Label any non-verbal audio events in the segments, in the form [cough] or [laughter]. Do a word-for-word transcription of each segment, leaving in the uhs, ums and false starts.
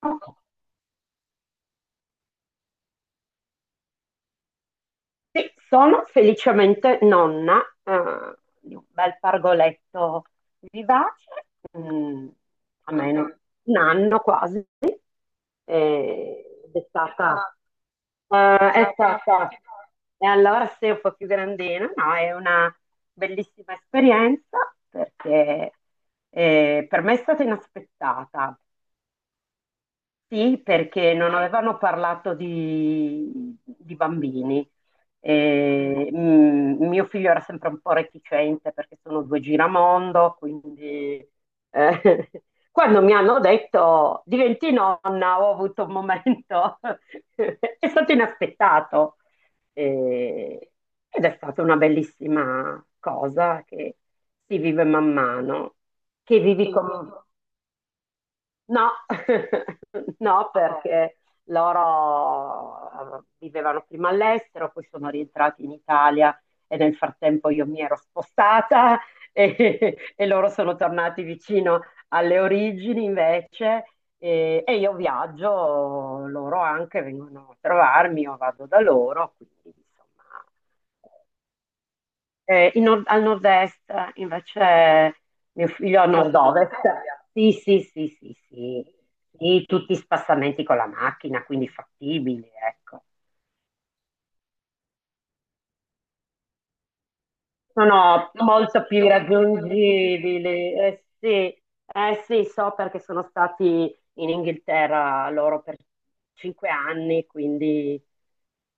Ok. Sì, sono felicemente nonna, eh, di un bel pargoletto vivace, mm, a meno un anno quasi, eh, ed è stata, eh, è stata, e allora sei un po' più grandina, no, è una bellissima esperienza perché eh, per me è stata inaspettata. Sì, perché non avevano parlato di, di bambini. E, mm, mio figlio era sempre un po' reticente perché sono due giramondo, quindi eh, [laughs] quando mi hanno detto diventi nonna, ho avuto un momento, [laughs] è stato inaspettato. E- Ed è stata una bellissima cosa che si vive man mano, che vivi con... No, [laughs] no. Ah, perché loro eh, vivevano prima all'estero, poi sono rientrati in Italia e nel frattempo io mi ero spostata [laughs] e, e loro sono tornati vicino alle origini invece, e, e io viaggio, loro anche vengono a trovarmi, io vado da loro, quindi insomma eh, in nord- al nord-est invece. Mio figlio al Al nord-ovest. nord-ovest. Sì, sì, sì, sì, sì. Sì, tutti spassamenti con la macchina, quindi fattibili, ecco. Sono molto più raggiungibili. Eh sì, eh sì, so perché sono stati in Inghilterra loro per cinque anni, quindi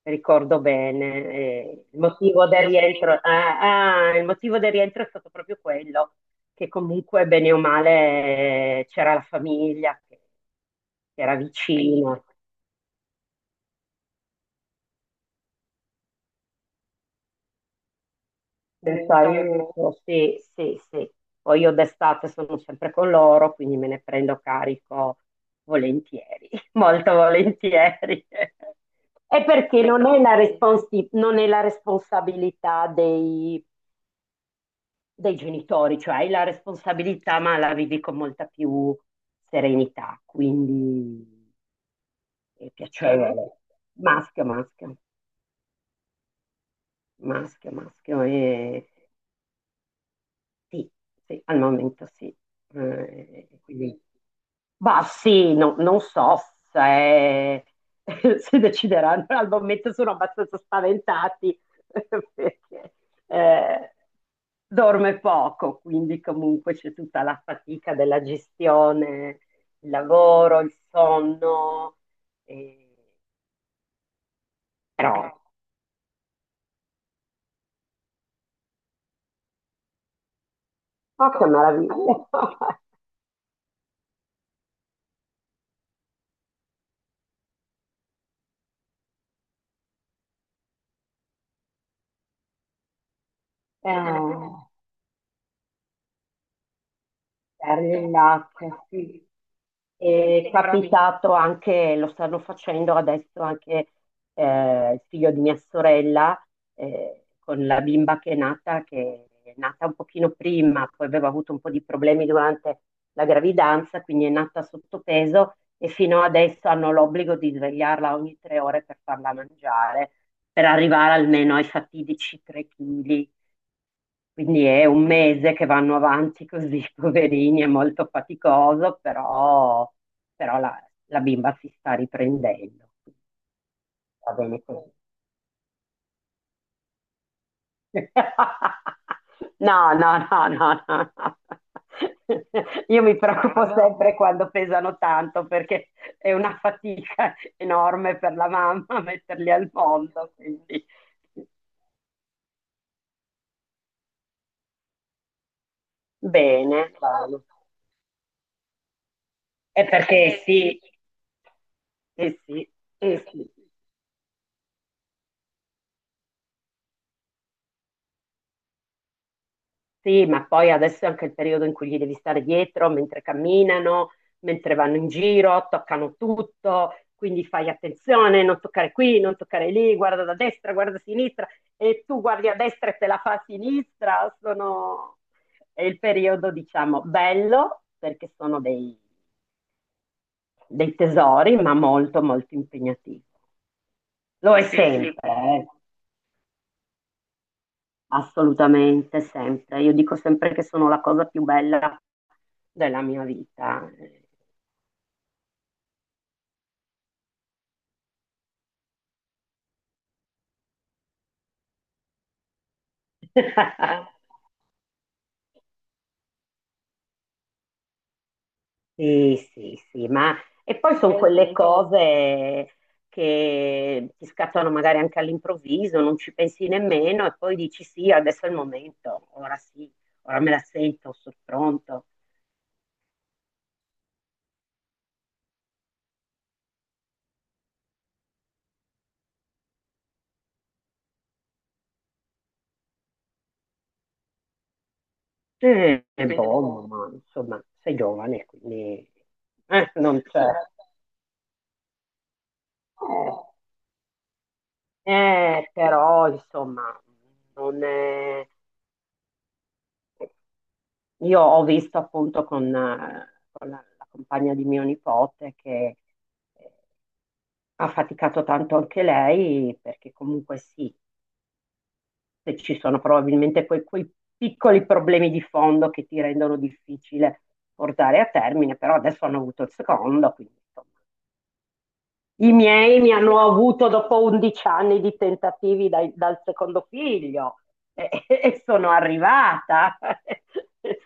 ricordo bene. Eh, il motivo del rientro, eh, ah, il motivo del rientro è stato proprio quello, che comunque bene o male eh, c'era la famiglia che che era vicina. Quindi, pensare, diventano, sì, sì, sì. Poi io d'estate sono sempre con loro, quindi me ne prendo carico volentieri, [laughs] molto volentieri. È perché non è la, Sì. responsi- non è la responsabilità dei, dei, genitori, cioè hai la responsabilità ma la vivi con molta più serenità, quindi è, Maschio?, piacevole. Maschio, maschio, maschio, maschio. E sì, sì, al momento sì. Eh, quindi, bah, sì, no- non so se, [laughs] se decideranno, al momento sono abbastanza spaventati [laughs] perché eh, dorme poco, quindi comunque c'è tutta la fatica della gestione, il lavoro, il sonno, eh, però, oh che meraviglia! [laughs] Eh, è relax. È capitato anche, lo stanno facendo adesso anche eh, il figlio di mia sorella eh, con la bimba che è nata, che è nata un pochino prima, poi aveva avuto un po' di problemi durante la gravidanza, quindi è nata sottopeso e fino adesso hanno l'obbligo di svegliarla ogni tre ore per farla mangiare, per arrivare almeno ai fatidici tre chili. Quindi è un mese che vanno avanti così, [laughs] poverini, è molto faticoso, però, però la, la, bimba si sta riprendendo, quindi va bene così. [laughs] No, no, no, no, no, no. Io mi preoccupo, brava, sempre quando pesano tanto perché è una fatica enorme per la mamma [laughs] metterli al mondo, quindi bene, bene. È perché sì, eh sì, eh sì. Sì, ma poi adesso è anche il periodo in cui gli devi stare dietro mentre camminano, mentre vanno in giro, toccano tutto, quindi fai attenzione, non toccare qui, non toccare lì, guarda da destra, guarda a sinistra e tu guardi a destra e te la fa a sinistra. Sono. È il periodo, diciamo, bello perché sono dei, dei, tesori, ma molto, molto impegnativo. Lo è sempre, eh. Assolutamente, sempre. Io dico sempre che sono la cosa più bella della mia vita. [laughs] Sì, sì, sì, ma e poi sono quelle cose che ti scattano magari anche all'improvviso, non ci pensi nemmeno e poi dici sì, adesso è il momento, ora sì, ora me la sento, sono pronto. Eh, È buono, ma insomma, sei giovane, quindi eh, non c'è. Eh, però insomma, non è. Io ho visto appunto con, eh, con la, la, compagna di mio nipote che eh, ha faticato tanto anche lei, perché comunque sì, se ci sono probabilmente quei, quei piccoli problemi di fondo che ti rendono difficile portare a termine, però adesso hanno avuto il secondo, quindi insomma, i miei mi hanno avuto dopo undici anni di tentativi dai- dal secondo figlio e, [laughs] e sono arrivata [laughs]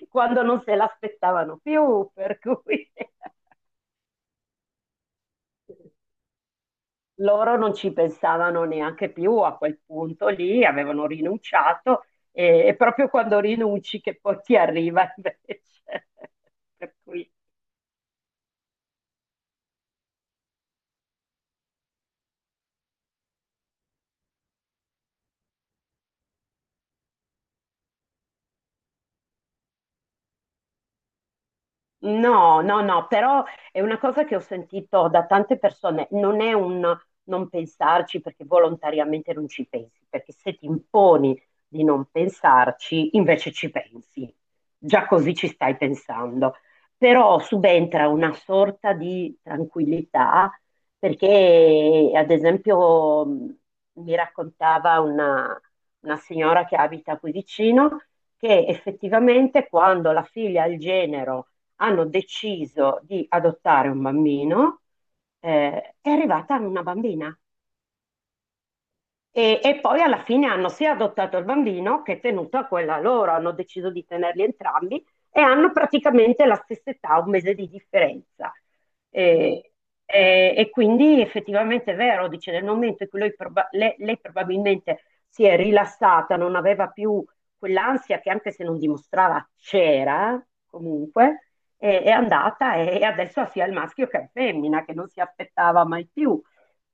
quando non se l'aspettavano più, per cui [laughs] loro non ci pensavano neanche più a quel punto lì, avevano rinunciato e, è proprio quando rinunci che poi ti arriva [laughs] invece. Per cui no, no, no, però è una cosa che ho sentito da tante persone, non è un non pensarci perché volontariamente non ci pensi, perché se ti imponi di non pensarci, invece ci pensi, già così ci stai pensando, però subentra una sorta di tranquillità perché, ad esempio, mh, mi raccontava una, una signora che abita qui vicino che effettivamente quando la figlia ha il genero hanno deciso di adottare un bambino, eh, è arrivata una bambina e, e poi alla fine hanno sia adottato il bambino che tenuto a quella loro, hanno deciso di tenerli entrambi e hanno praticamente la stessa età, un mese di differenza. E, e- e quindi effettivamente è vero, dice, nel momento in cui lui proba- le- lei probabilmente si è rilassata, non aveva più quell'ansia che anche se non dimostrava c'era, comunque, è, è andata e adesso ha sia il maschio che la femmina, che non si aspettava mai più.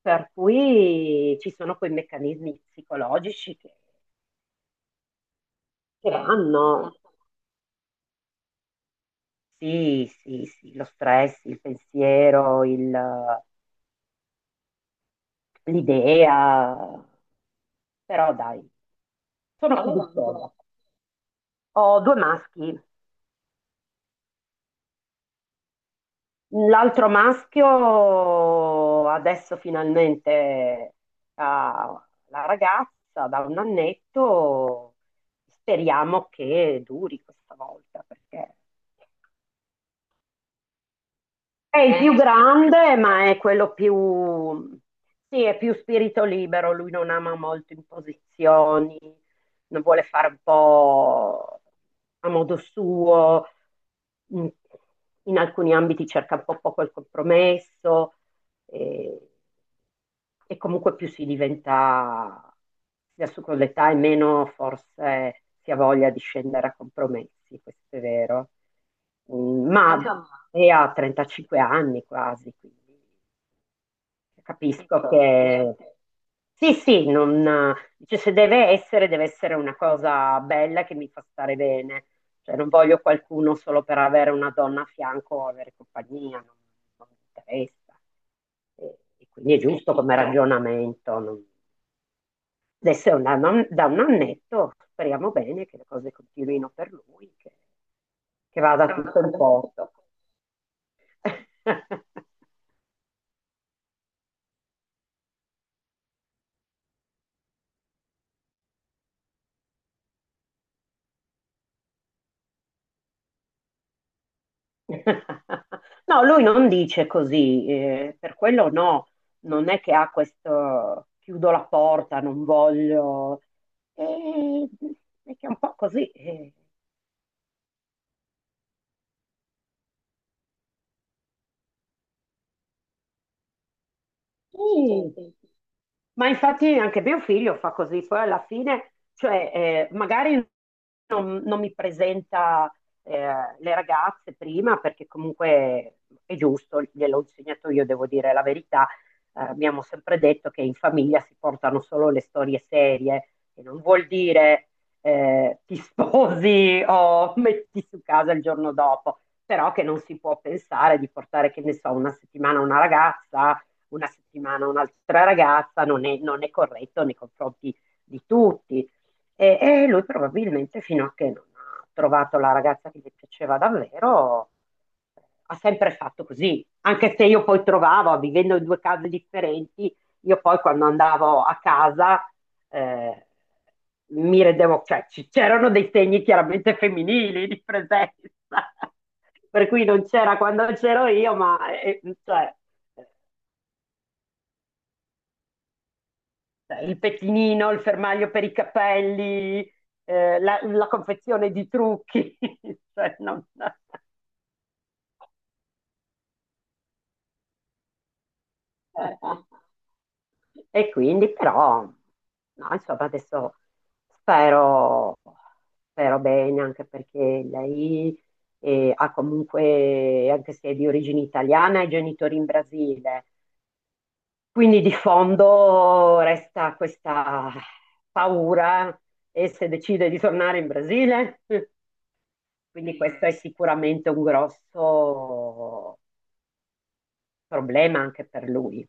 Per cui ci sono quei meccanismi psicologici che, che vanno. Sì, sì, sì, lo stress, il pensiero, il- l'idea, però dai, sono fiduciosa. Ho due maschi. L'altro maschio adesso finalmente ha la ragazza da un annetto. Speriamo che duri questa volta perché è il più grande, ma è quello più. Sì, è più spirito libero, lui non ama molto imposizioni, non vuole fare un po' a modo suo, in in alcuni ambiti cerca un po' poco il compromesso, e, e comunque più si diventa adesso con l'età e meno forse si ha voglia di scendere a compromessi, questo è vero. Mm, Ma è a trentacinque anni quasi, quindi capisco che sì, sì, non, dice, se deve essere, deve essere una cosa bella che mi fa stare bene. Cioè, non voglio qualcuno solo per avere una donna a fianco o avere compagnia, non, non mi interessa. E, e quindi è giusto come, capito, ragionamento. Non. Adesso è un anno- da un annetto, speriamo bene che le cose continuino per lui, che, che vada tutto in posto. [laughs] No, lui non dice così, eh, per quello no, non è che ha questo chiudo la porta, non voglio, eh, è che è un po' così, eh. Sì, sì, sì. Ma infatti anche mio figlio fa così, poi alla fine, cioè, eh, magari non, non mi presenta eh, le ragazze prima perché comunque è giusto, gliel'ho insegnato io, devo dire la verità. Eh, abbiamo sempre detto che in famiglia si portano solo le storie serie, che non vuol dire eh, [laughs] ti sposi o metti su casa il giorno dopo, però che non si può pensare di portare, che ne so, una settimana una ragazza una settimana un'altra ragazza non è, non è corretto nei confronti di tutti. E, e lui probabilmente fino a che non ha trovato la ragazza che gli piaceva davvero ha sempre fatto così, anche se io poi trovavo, vivendo in due case differenti, io poi quando andavo a casa eh, mi rendevo, cioè c'erano dei segni chiaramente femminili di presenza, [laughs] per cui non c'era quando c'ero io, ma eh, cioè, Cioè, il pettinino, il fermaglio per i capelli, eh, la, la confezione di trucchi, [laughs] cioè, non- [laughs] e quindi però, no, insomma, adesso spero, spero bene anche perché lei eh, ha comunque, anche se è di origine italiana, ha i genitori in Brasile. Quindi di fondo resta questa paura e se decide di tornare in Brasile. [laughs] Quindi questo è sicuramente un grosso problema anche per lui.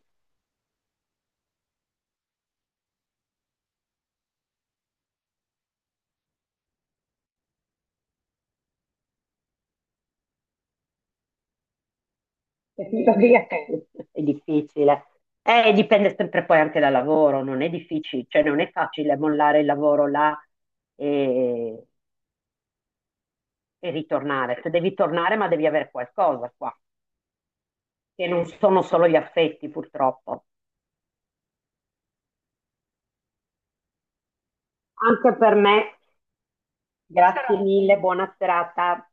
Capito? Perché è difficile. Eh, dipende sempre poi anche dal lavoro, non è difficile, cioè non è facile mollare il lavoro là e, e ritornare. Se devi tornare, ma devi avere qualcosa qua, che non sono solo gli affetti, purtroppo. Anche per me, grazie mille, buona serata.